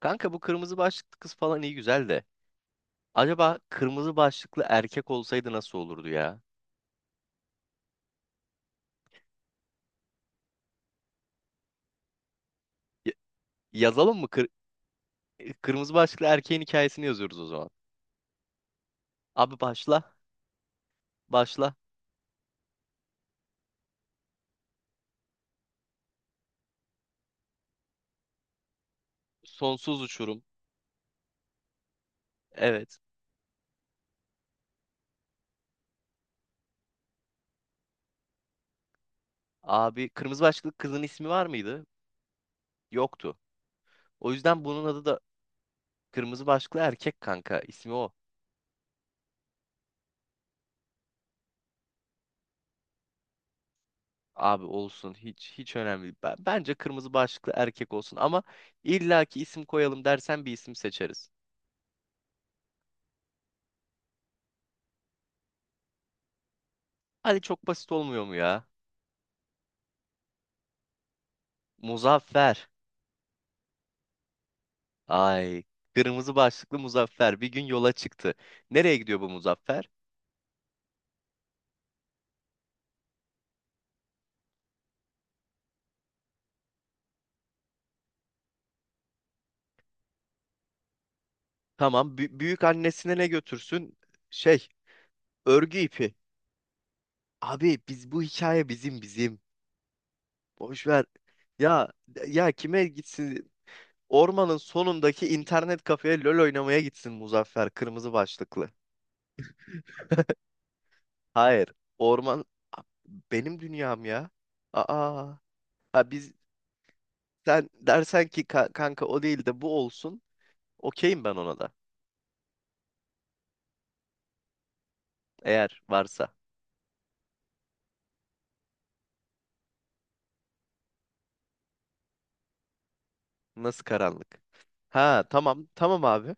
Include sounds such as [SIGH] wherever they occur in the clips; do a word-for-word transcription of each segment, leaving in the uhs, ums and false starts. Kanka bu kırmızı başlıklı kız falan iyi güzel de. Acaba kırmızı başlıklı erkek olsaydı nasıl olurdu ya? Y- Yazalım mı? Kır- kırmızı başlıklı erkeğin hikayesini yazıyoruz o zaman. Abi başla. Başla. Sonsuz uçurum. Evet. Abi kırmızı başlıklı kızın ismi var mıydı? Yoktu. O yüzden bunun adı da kırmızı başlıklı erkek kanka. İsmi o. Abi olsun, hiç hiç önemli değil. Ben- Bence kırmızı başlıklı erkek olsun, ama illaki isim koyalım dersen bir isim seçeriz. Hadi çok basit olmuyor mu ya? Muzaffer. Ay, kırmızı başlıklı Muzaffer bir gün yola çıktı. Nereye gidiyor bu Muzaffer? Tamam, bü- büyük annesine ne götürsün? Şey, örgü ipi. Abi biz, bu hikaye bizim bizim. Boş ver. Ya ya kime gitsin? Ormanın sonundaki internet kafeye LoL oynamaya gitsin Muzaffer kırmızı başlıklı. Hayır, orman, A- benim dünyam ya. Aa, ha, biz sen dersen ki "Ka- kanka o değil de bu olsun." Okeyim ben ona da. Eğer varsa. Nasıl karanlık? Ha, tamam tamam abi.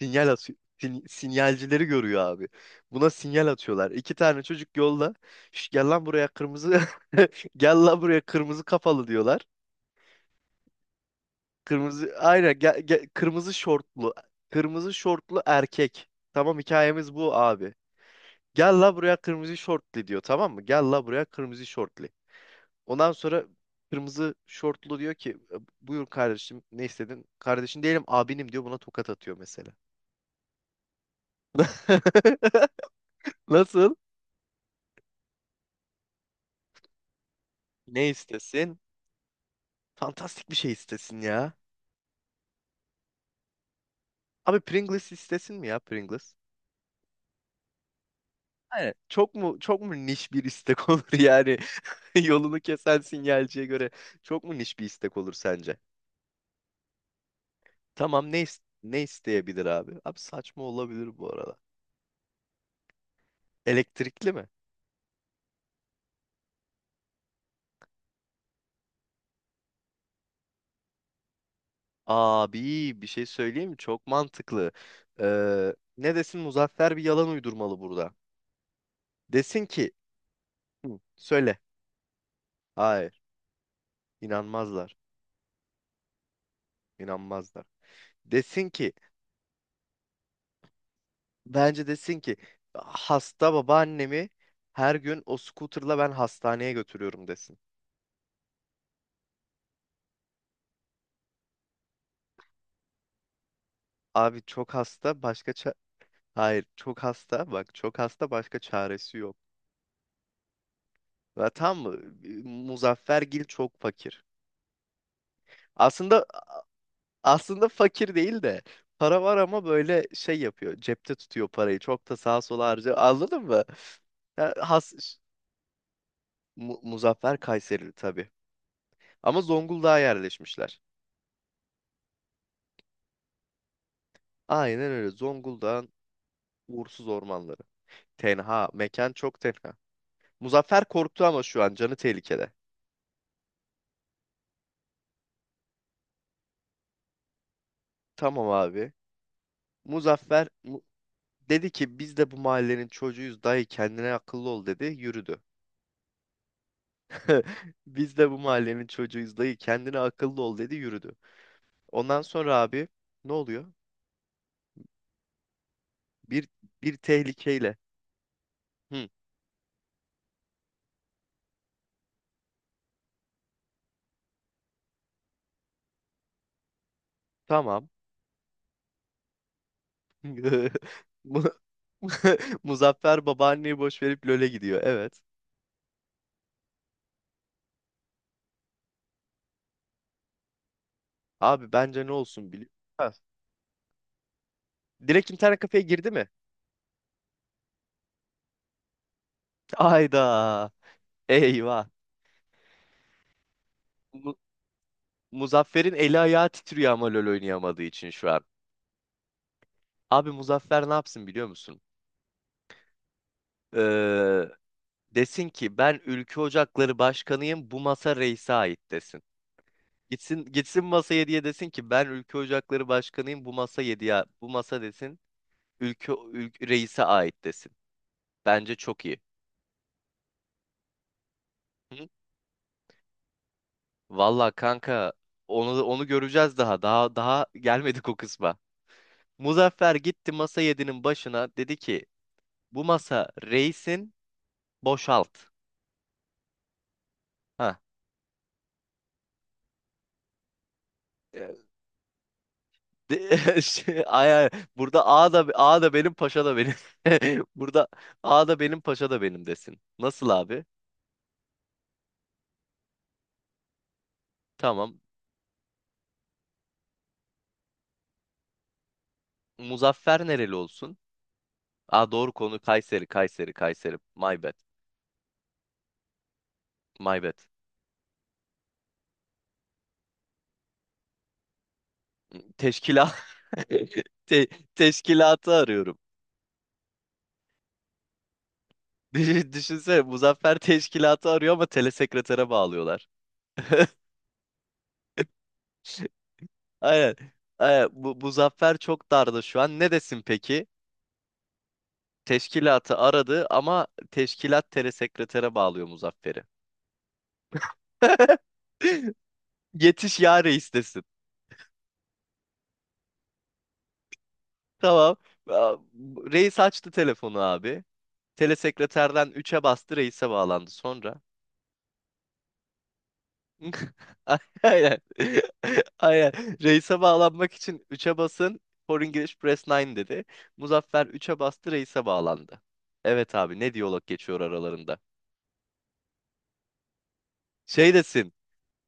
Sinyal atıyor. Sin- sinyalcileri görüyor abi. Buna sinyal atıyorlar. İki tane çocuk yolda. "Şş, gel lan buraya kırmızı." [LAUGHS] Gel lan buraya kırmızı kafalı diyorlar. Kırmızı aynen gel, gel- kırmızı şortlu. Kırmızı şortlu erkek. Tamam, hikayemiz bu abi. Gel la buraya kırmızı şortlu diyor, tamam mı? Gel la buraya kırmızı şortlu. Ondan sonra kırmızı şortlu diyor ki buyur kardeşim, ne istedin? Kardeşin değilim abinim diyor, buna tokat atıyor mesela. [LAUGHS] Nasıl? Ne istesin? Fantastik bir şey istesin ya. Abi Pringles istesin mi ya, Pringles? Aynen. Çok mu çok mu niş bir istek [LAUGHS] olur yani? [LAUGHS] Yolunu kesen sinyalciye göre çok mu niş bir istek olur sence? Tamam, ne is- ne isteyebilir abi? Abi saçma olabilir bu arada. Elektrikli mi? Abi bir şey söyleyeyim mi? Çok mantıklı. Ee, ne desin Muzaffer, bir yalan uydurmalı burada. Desin ki. Hı, söyle. Hayır, inanmazlar. İnanmazlar. Desin ki Bence desin ki hasta babaannemi her gün o scooter'la ben hastaneye götürüyorum desin. Abi çok hasta, başka ça- Hayır, çok hasta. Bak çok hasta, başka çaresi yok. Ve tam mı? Muzaffergil çok fakir. Aslında Aslında fakir değil de para var, ama böyle şey yapıyor. Cepte tutuyor parayı. Çok da sağa sola harcıyor. Anladın mı? Ya has Mu- Muzaffer Kayserili tabii. Ama Zonguldak'a yerleşmişler. Aynen öyle. Zonguldak'ın uğursuz ormanları. Tenha. Mekan çok tenha. Muzaffer korktu ama şu an canı tehlikede. Tamam abi. Muzaffer mu- dedi ki biz de bu mahallenin çocuğuyuz dayı, kendine akıllı ol dedi yürüdü. [LAUGHS] Biz de bu mahallenin çocuğuyuz dayı, kendine akıllı ol dedi yürüdü. Ondan sonra abi ne oluyor? Bir bir tehlikeyle. Hı, tamam. [LAUGHS] Mu- [LAUGHS] Muzaffer babaanneyi boş verip LoL'e gidiyor. Evet. Abi bence ne olsun biliyor musun? Direkt internet kafeye girdi mi? Ayda. Eyvah. Mu- Muzaffer'in eli ayağı titriyor, ama LoL oynayamadığı için şu an. Abi Muzaffer ne yapsın biliyor musun? Ee, Desin ki ben Ülke Ocakları Başkanıyım, bu masa reise ait desin. Gitsin gitsin masa yediye, desin ki ben Ülke Ocakları Başkanıyım bu masa yediye, bu masa desin. Ülke, ülke reise ait desin. Bence çok iyi. Hı? Vallahi kanka, onu onu göreceğiz daha. Daha daha gelmedik o kısma. Muzaffer gitti masa yedi'nin başına, dedi ki bu masa reisin, boşalt. Ha. E, de- [LAUGHS] şey, ay, ay, burada A da A da benim paşa da benim. [LAUGHS] Burada A da benim paşa da benim desin. Nasıl abi? Tamam. Muzaffer nereli olsun? Aa doğru, konu Kayseri, Kayseri, Kayseri. My bad, my bad. Teşkila [LAUGHS] Te- teşkilatı arıyorum. [LAUGHS] Düşün- Düşünsene Muzaffer teşkilatı arıyor ama telesekretere bağlıyorlar. [LAUGHS] Aynen. Aynen. Bu, Muzaffer çok darda şu an. Ne desin peki? Teşkilatı aradı ama teşkilat telesekretere bağlıyor Muzaffer'i. [LAUGHS] Yetiş ya reis desin. Tamam. Aa, reis açtı telefonu abi. Telesekreterden üç'e bastı, reise bağlandı sonra. [LAUGHS] Aynen. [LAUGHS] Aynen. Reise bağlanmak için üç'e basın. For English Press dokuz dedi. Muzaffer üç'e bastı, reise bağlandı. Evet abi, ne diyalog geçiyor aralarında. Şey desin.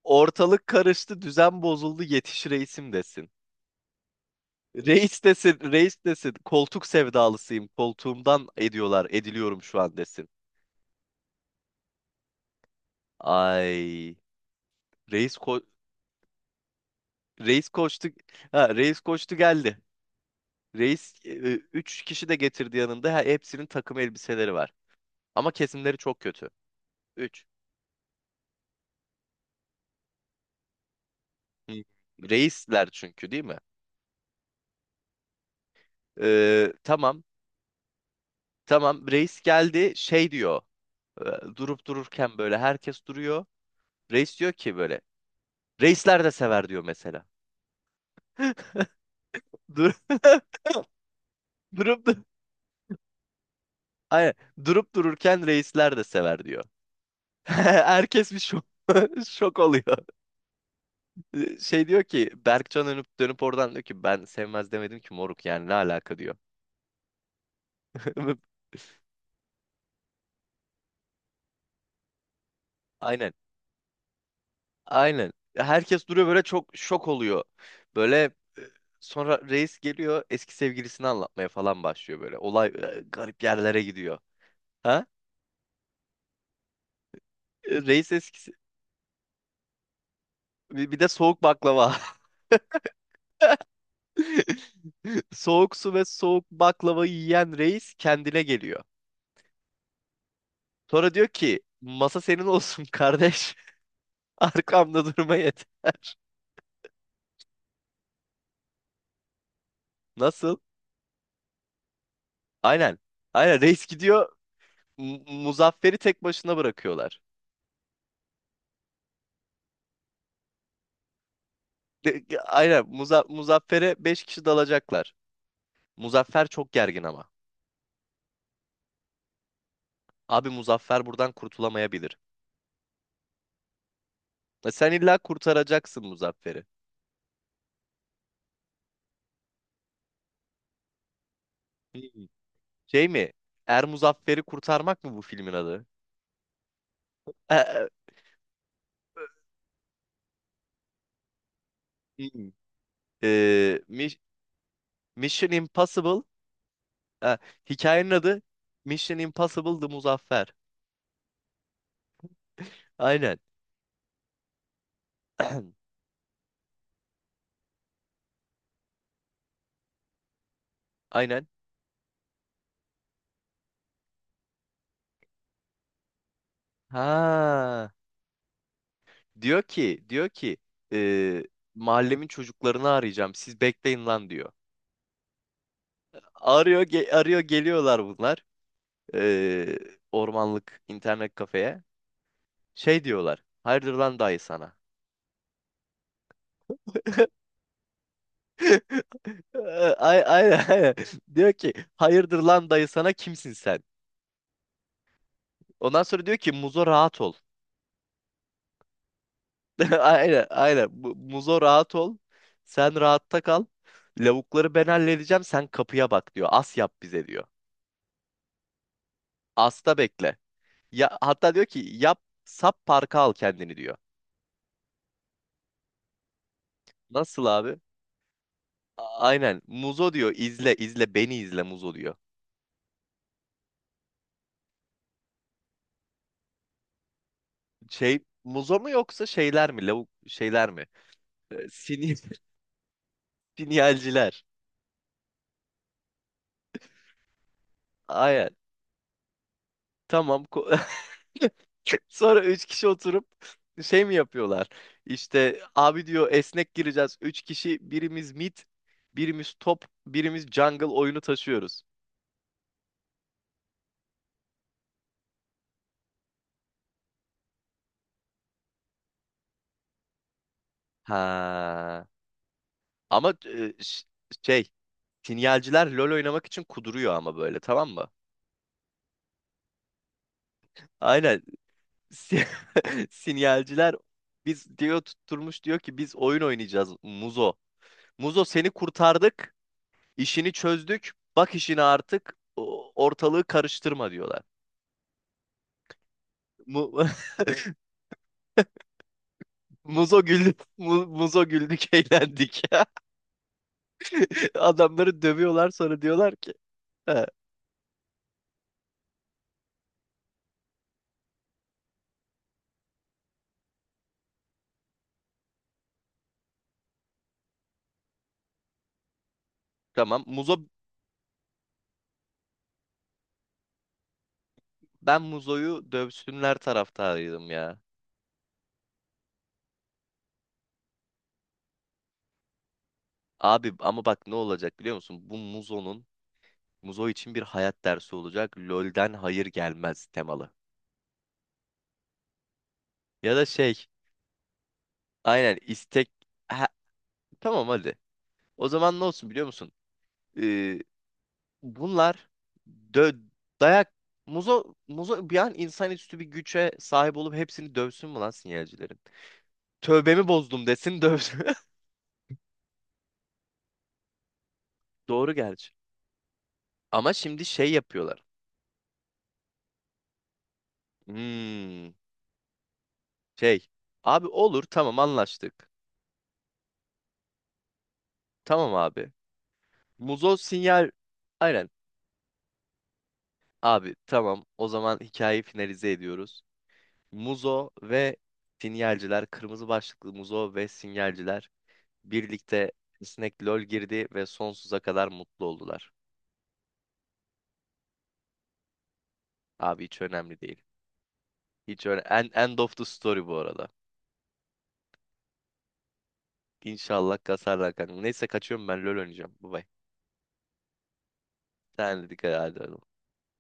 Ortalık karıştı, düzen bozuldu, yetiş reisim desin. Reis desin, reis desin. Koltuk sevdalısıyım, koltuğumdan ediyorlar, ediliyorum şu an desin. Ay. Reis ko Reis koştu. Ha, reis koştu geldi. Reis üç kişi de getirdi yanında. He- Hepsinin takım elbiseleri var. Ama kesimleri çok kötü. üç Reisler çünkü değil mi? Ee, tamam. Tamam. Reis geldi, şey diyor. E, durup dururken böyle herkes duruyor. Reis diyor ki böyle. Reisler de sever diyor mesela. Dur [LAUGHS] durup dur Aynen. Durup dururken reisler de sever diyor. [LAUGHS] Herkes bir şok, [LAUGHS] şok oluyor. Şey diyor ki Berkcan, dönüp dönüp oradan diyor ki ben sevmez demedim ki moruk, yani ne alaka diyor. Ve- Aynen. Aynen. Herkes duruyor böyle, çok şok oluyor. Böyle e, sonra reis geliyor, eski sevgilisini anlatmaya falan başlıyor böyle. Olay e, garip yerlere gidiyor. Ha? E, Reis eskisi bir bir de soğuk baklava. [LAUGHS] Soğuk su ve soğuk baklava yiyen reis kendine geliyor. Sonra diyor ki masa senin olsun kardeş. [LAUGHS] Arkamda durma yeter. Nasıl? Aynen. Aynen reis gidiyor. Mu- Muzaffer'i tek başına bırakıyorlar. De- Aynen, Muza Muzaffer'e beş kişi dalacaklar. Muzaffer çok gergin ama. Abi Muzaffer buradan kurtulamayabilir. E Sen illa kurtaracaksın Muzaffer'i. Hmm. Şey mi? Er Muzaffer'i Kurtarmak mı bu filmin adı? E, e, hmm. Ee, Mis- Mission Impossible. E, Hikayenin adı Mission Impossible The Muzaffer. Aynen. [CLEARS THROAT] Aynen. Ha. Diyor ki, diyor ki, e, mahallemin çocuklarını arayacağım. Siz bekleyin lan diyor. Arıyor, ge- arıyor geliyorlar bunlar. Ee, Ormanlık internet kafeye. Şey diyorlar. Hayırdır lan dayı sana. Ee, ay- Aynen aynen. [LAUGHS] Diyor ki hayırdır lan dayı sana, kimsin sen? Ondan sonra diyor ki Muzo rahat ol. [LAUGHS] Aynen aynen. Bu- Muzo rahat ol. Sen rahatta kal. Lavukları ben halledeceğim. Sen kapıya bak diyor. As yap bize diyor. Asta bekle. Ya, hatta diyor ki yap sap parka al kendini diyor. Nasıl abi? Aynen. Muzo diyor, izle izle beni izle Muzo diyor. Şey Muzo mu yoksa şeyler mi? Lavuk şeyler mi? Ee, Sin [LAUGHS] sinyalciler. Aynen. Tamam. ko- [LAUGHS] Sonra üç kişi oturup şey mi yapıyorlar? İşte abi diyor esnek gireceğiz. Üç kişi birimiz mid, birimiz top, birimiz jungle oyunu taşıyoruz. Ha. Ama e, ş- şey sinyalciler LoL oynamak için kuduruyor ama böyle, tamam mı? Aynen si- [LAUGHS] sinyalciler biz diyor tutturmuş, diyor ki biz oyun oynayacağız Muzo. Muzo seni kurtardık, işini çözdük. Bak işine artık, o- ortalığı karıştırma diyorlar. Mu [LAUGHS] Muzo güldük, Mu- Muzo güldük, [LAUGHS] eğlendik. [LAUGHS] Adamları dövüyorlar sonra diyorlar ki. He, tamam Muzo, ben Muzo'yu dövsünler taraftarıydım ya. Abi ama bak ne olacak biliyor musun? Bu Muzo'nun Muzo için bir hayat dersi olacak. LoL'den hayır gelmez temalı. Ya da şey, aynen, istek, ha, tamam hadi. O zaman ne olsun biliyor musun? Ee, Bunlar dö dayak, muzo muzo bir an insanüstü bir güce sahip olup hepsini dövsün mü lan sinyalcilerin? Tövbemi bozdum desin dövsün. [LAUGHS] Doğru gerçi. Ama şimdi şey yapıyorlar. Hmm, şey. Abi olur tamam anlaştık. Tamam abi. Muzo sinyal Aynen. Abi tamam o zaman hikayeyi finalize ediyoruz. Muzo ve sinyalciler, kırmızı başlıklı Muzo ve sinyalciler birlikte Snack LoL girdi ve sonsuza kadar mutlu oldular. Abi hiç önemli değil. Hiç öyle, en end of the story bu arada. İnşallah kasarlar kanka. Neyse kaçıyorum ben, LoL oynayacağım. Bye bye. Sen de dikkat et.